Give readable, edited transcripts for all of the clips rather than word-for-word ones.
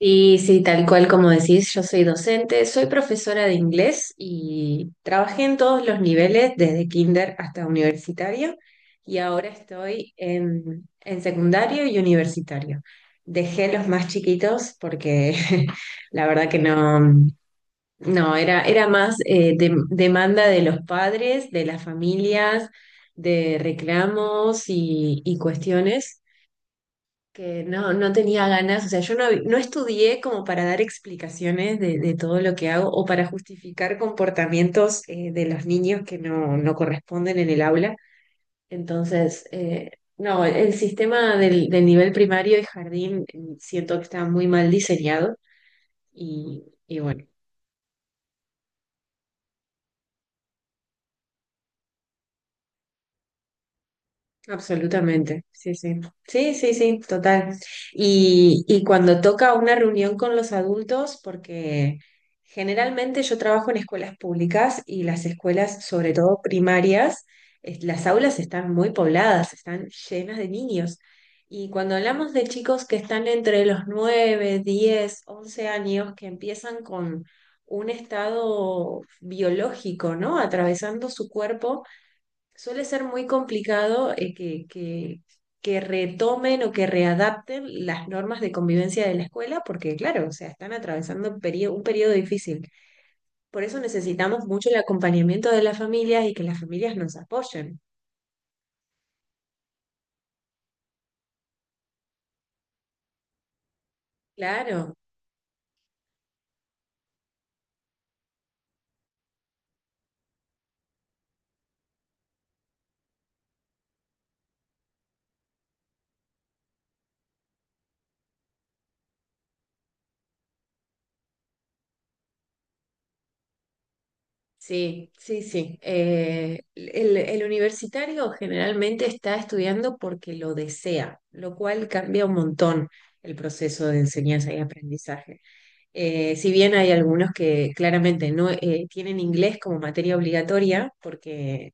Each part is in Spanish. Sí, sí, tal cual como decís, yo soy docente, soy profesora de inglés y trabajé en todos los niveles, desde kinder hasta universitario, y ahora estoy en secundario y universitario. Dejé los más chiquitos porque la verdad que no, no, era más demanda de los padres, de las familias, de reclamos y cuestiones que no, no tenía ganas, o sea, yo no, no estudié como para dar explicaciones de todo lo que hago o para justificar comportamientos de los niños que no, no corresponden en el aula. Entonces, no, el sistema del nivel primario y jardín siento que está muy mal diseñado y bueno. Absolutamente, sí, sí. Sí, sí, sí, total. Y cuando toca una reunión con los adultos, porque generalmente yo trabajo en escuelas públicas y las escuelas, sobre todo primarias, las aulas están muy pobladas, están llenas de niños. Y cuando hablamos de chicos que están entre los 9, 10, 11 años, que empiezan con un estado biológico, ¿no? Atravesando su cuerpo. Suele ser muy complicado que retomen o que readapten las normas de convivencia de la escuela, porque claro, o sea, están atravesando un período un periodo difícil. Por eso necesitamos mucho el acompañamiento de las familias y que las familias nos apoyen. Claro, sí, sí, sí. El universitario generalmente está estudiando porque lo desea, lo cual cambia un montón el proceso de enseñanza y aprendizaje. Si bien hay algunos que claramente no tienen inglés como materia obligatoria, porque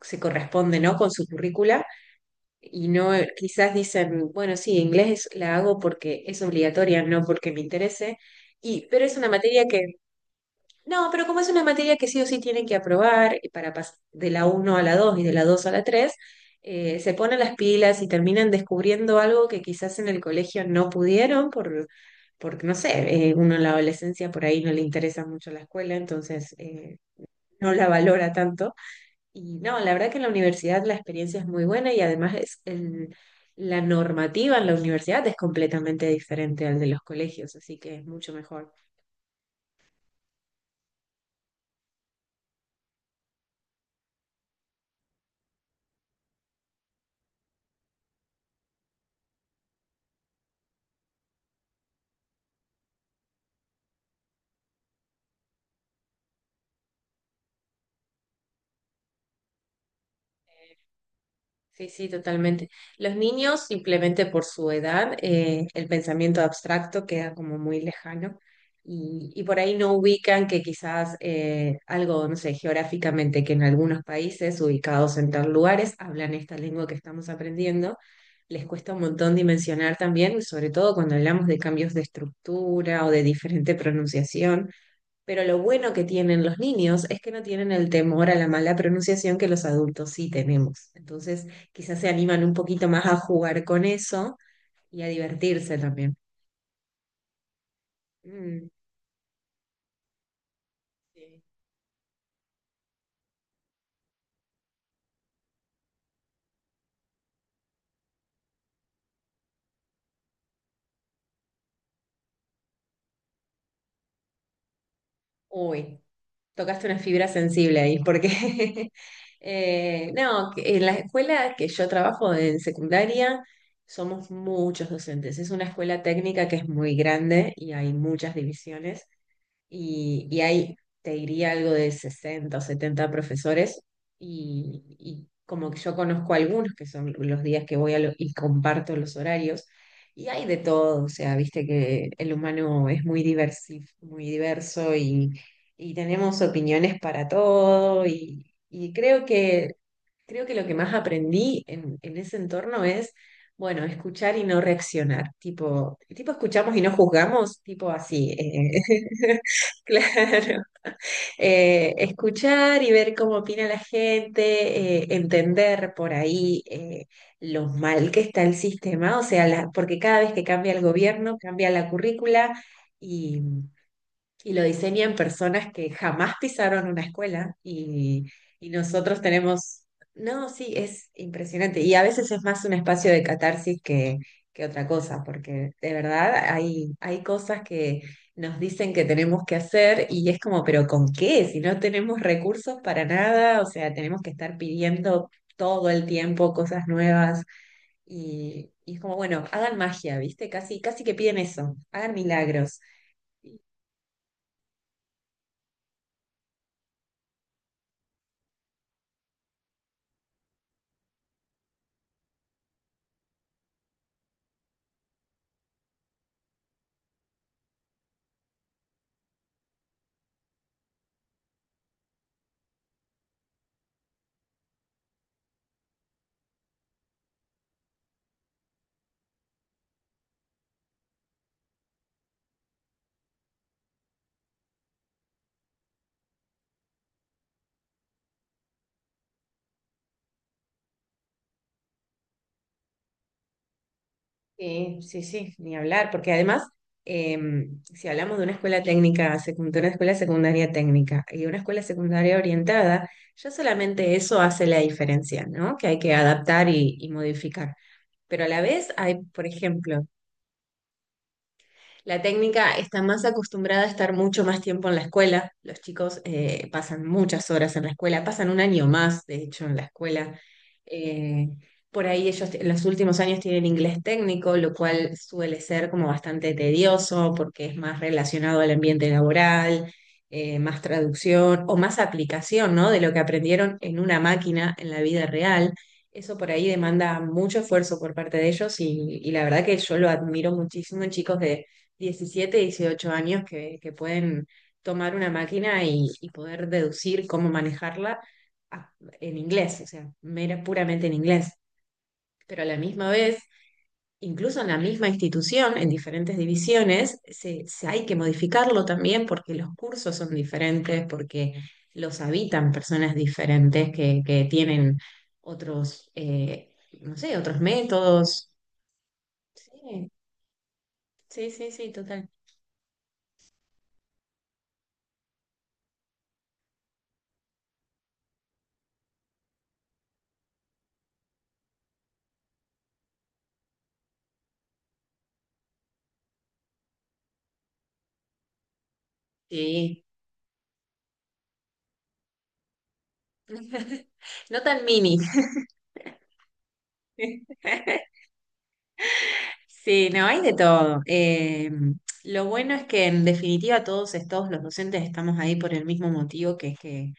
se corresponde, ¿no? con su currícula, y no, quizás dicen, bueno, sí, inglés la hago porque es obligatoria, no porque me interese, y, pero es una materia que no, pero como es una materia que sí o sí tienen que aprobar y para de la uno a la 2 y de la 2 a la tres, se ponen las pilas y terminan descubriendo algo que quizás en el colegio no pudieron por, porque no sé, uno en la adolescencia por ahí no le interesa mucho la escuela, entonces no la valora tanto. Y no, la verdad que en la universidad la experiencia es muy buena y además la normativa en la universidad es completamente diferente al de los colegios, así que es mucho mejor. Sí, sí, totalmente. Los niños, simplemente por su edad, el pensamiento abstracto queda como muy lejano y por ahí no ubican que quizás algo, no sé, geográficamente, que en algunos países ubicados en tal lugares hablan esta lengua que estamos aprendiendo, les cuesta un montón dimensionar también, sobre todo cuando hablamos de cambios de estructura o de diferente pronunciación. Pero lo bueno que tienen los niños es que no tienen el temor a la mala pronunciación que los adultos sí tenemos. Entonces, quizás se animan un poquito más a jugar con eso y a divertirse también. Mm. Sí. Uy, tocaste una fibra sensible ahí, porque no, que en la escuela que yo trabajo en secundaria somos muchos docentes. Es una escuela técnica que es muy grande y hay muchas divisiones. Y, y hay, te diría algo de 60 o 70 profesores, y como que yo conozco algunos que son los días que y comparto los horarios, y hay de todo, o sea, viste que el humano es muy diverso y tenemos opiniones para todo y, y creo que Creo que lo que más aprendí en ese entorno es, bueno, escuchar y no reaccionar. Tipo, tipo escuchamos y no juzgamos, tipo así. Claro. Escuchar y ver cómo opina la gente, entender por ahí lo mal que está el sistema, o sea, porque cada vez que cambia el gobierno, cambia la currícula y lo diseñan personas que jamás pisaron una escuela y nosotros tenemos, no, sí, es impresionante. Y a veces es más un espacio de catarsis que otra cosa, porque de verdad hay, hay cosas que nos dicen que tenemos que hacer y es como, pero ¿con qué? Si no tenemos recursos para nada, o sea, tenemos que estar pidiendo todo el tiempo cosas nuevas y es como, bueno, hagan magia, ¿viste? Casi, casi que piden eso, hagan milagros. Sí, sí, sí, ni hablar, porque además, si hablamos de una escuela técnica, de una escuela secundaria técnica y una escuela secundaria orientada, ya solamente eso hace la diferencia, ¿no? Que hay que adaptar y modificar. Pero a la vez hay, por ejemplo, la técnica está más acostumbrada a estar mucho más tiempo en la escuela. Los chicos pasan muchas horas en la escuela, pasan un año más, de hecho, en la escuela. Eh, por ahí ellos en los últimos años tienen inglés técnico, lo cual suele ser como bastante tedioso porque es más relacionado al ambiente laboral, más traducción o más aplicación, ¿no? De lo que aprendieron en una máquina en la vida real. Eso por ahí demanda mucho esfuerzo por parte de ellos y la verdad que yo lo admiro muchísimo en chicos de 17, 18 años que pueden tomar una máquina y poder deducir cómo manejarla a- en inglés, o sea, mera, puramente en inglés. Pero a la misma vez, incluso en la misma institución, en diferentes divisiones, se hay que modificarlo también porque los cursos son diferentes, porque los habitan personas diferentes que tienen otros, no sé, otros métodos. Sí, sí, sí, sí, total. Sí. No tan mini. Sí, no, hay de todo. Lo bueno es que en definitiva todos, todos los docentes estamos ahí por el mismo motivo, que es que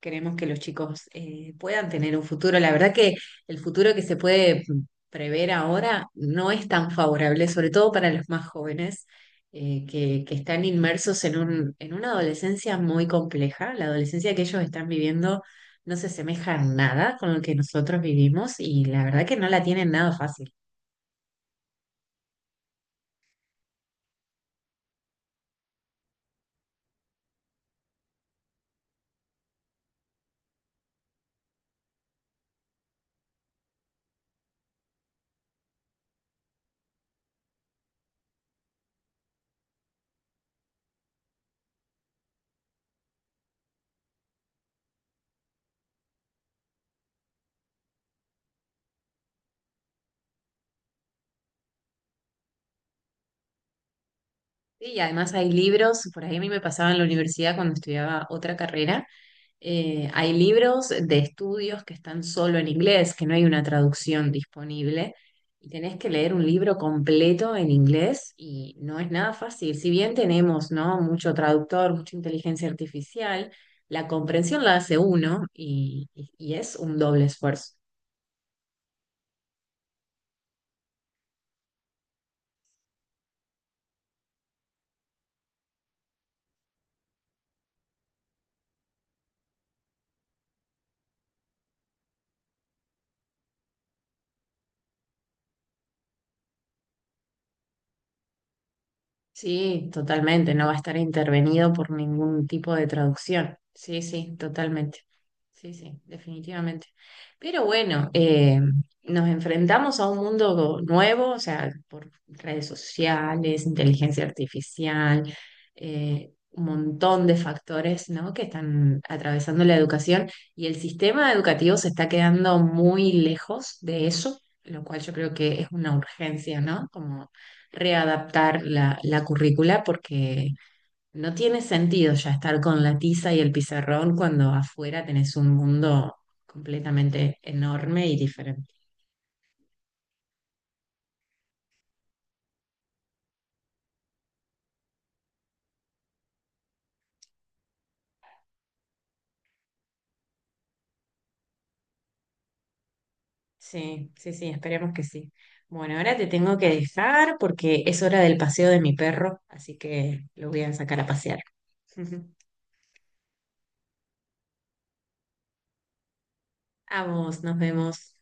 queremos que los chicos puedan tener un futuro. La verdad que el futuro que se puede prever ahora no es tan favorable, sobre todo para los más jóvenes, que están inmersos en una adolescencia muy compleja. La adolescencia que ellos están viviendo no se asemeja en nada con lo que nosotros vivimos y la verdad que no la tienen nada fácil. Sí, y además hay libros, por ahí a mí me pasaba en la universidad cuando estudiaba otra carrera, hay libros de estudios que están solo en inglés, que no hay una traducción disponible, y tenés que leer un libro completo en inglés y no es nada fácil. Si bien tenemos, ¿no? mucho traductor, mucha inteligencia artificial, la comprensión la hace uno y es un doble esfuerzo. Sí, totalmente, no va a estar intervenido por ningún tipo de traducción. Sí, sí, totalmente. Sí, sí, definitivamente. Pero bueno, nos enfrentamos a un mundo nuevo, o sea, por redes sociales, inteligencia artificial, un montón de factores, ¿no? que están atravesando la educación y el sistema educativo se está quedando muy lejos de eso, lo cual yo creo que es una urgencia, ¿no? Como readaptar la currícula porque no tiene sentido ya estar con la tiza y el pizarrón cuando afuera tenés un mundo completamente enorme y diferente. Sí, sí, sí, esperemos que sí. Bueno, ahora te tengo que dejar porque es hora del paseo de mi perro, así que lo voy a sacar a pasear. A vos, nos vemos.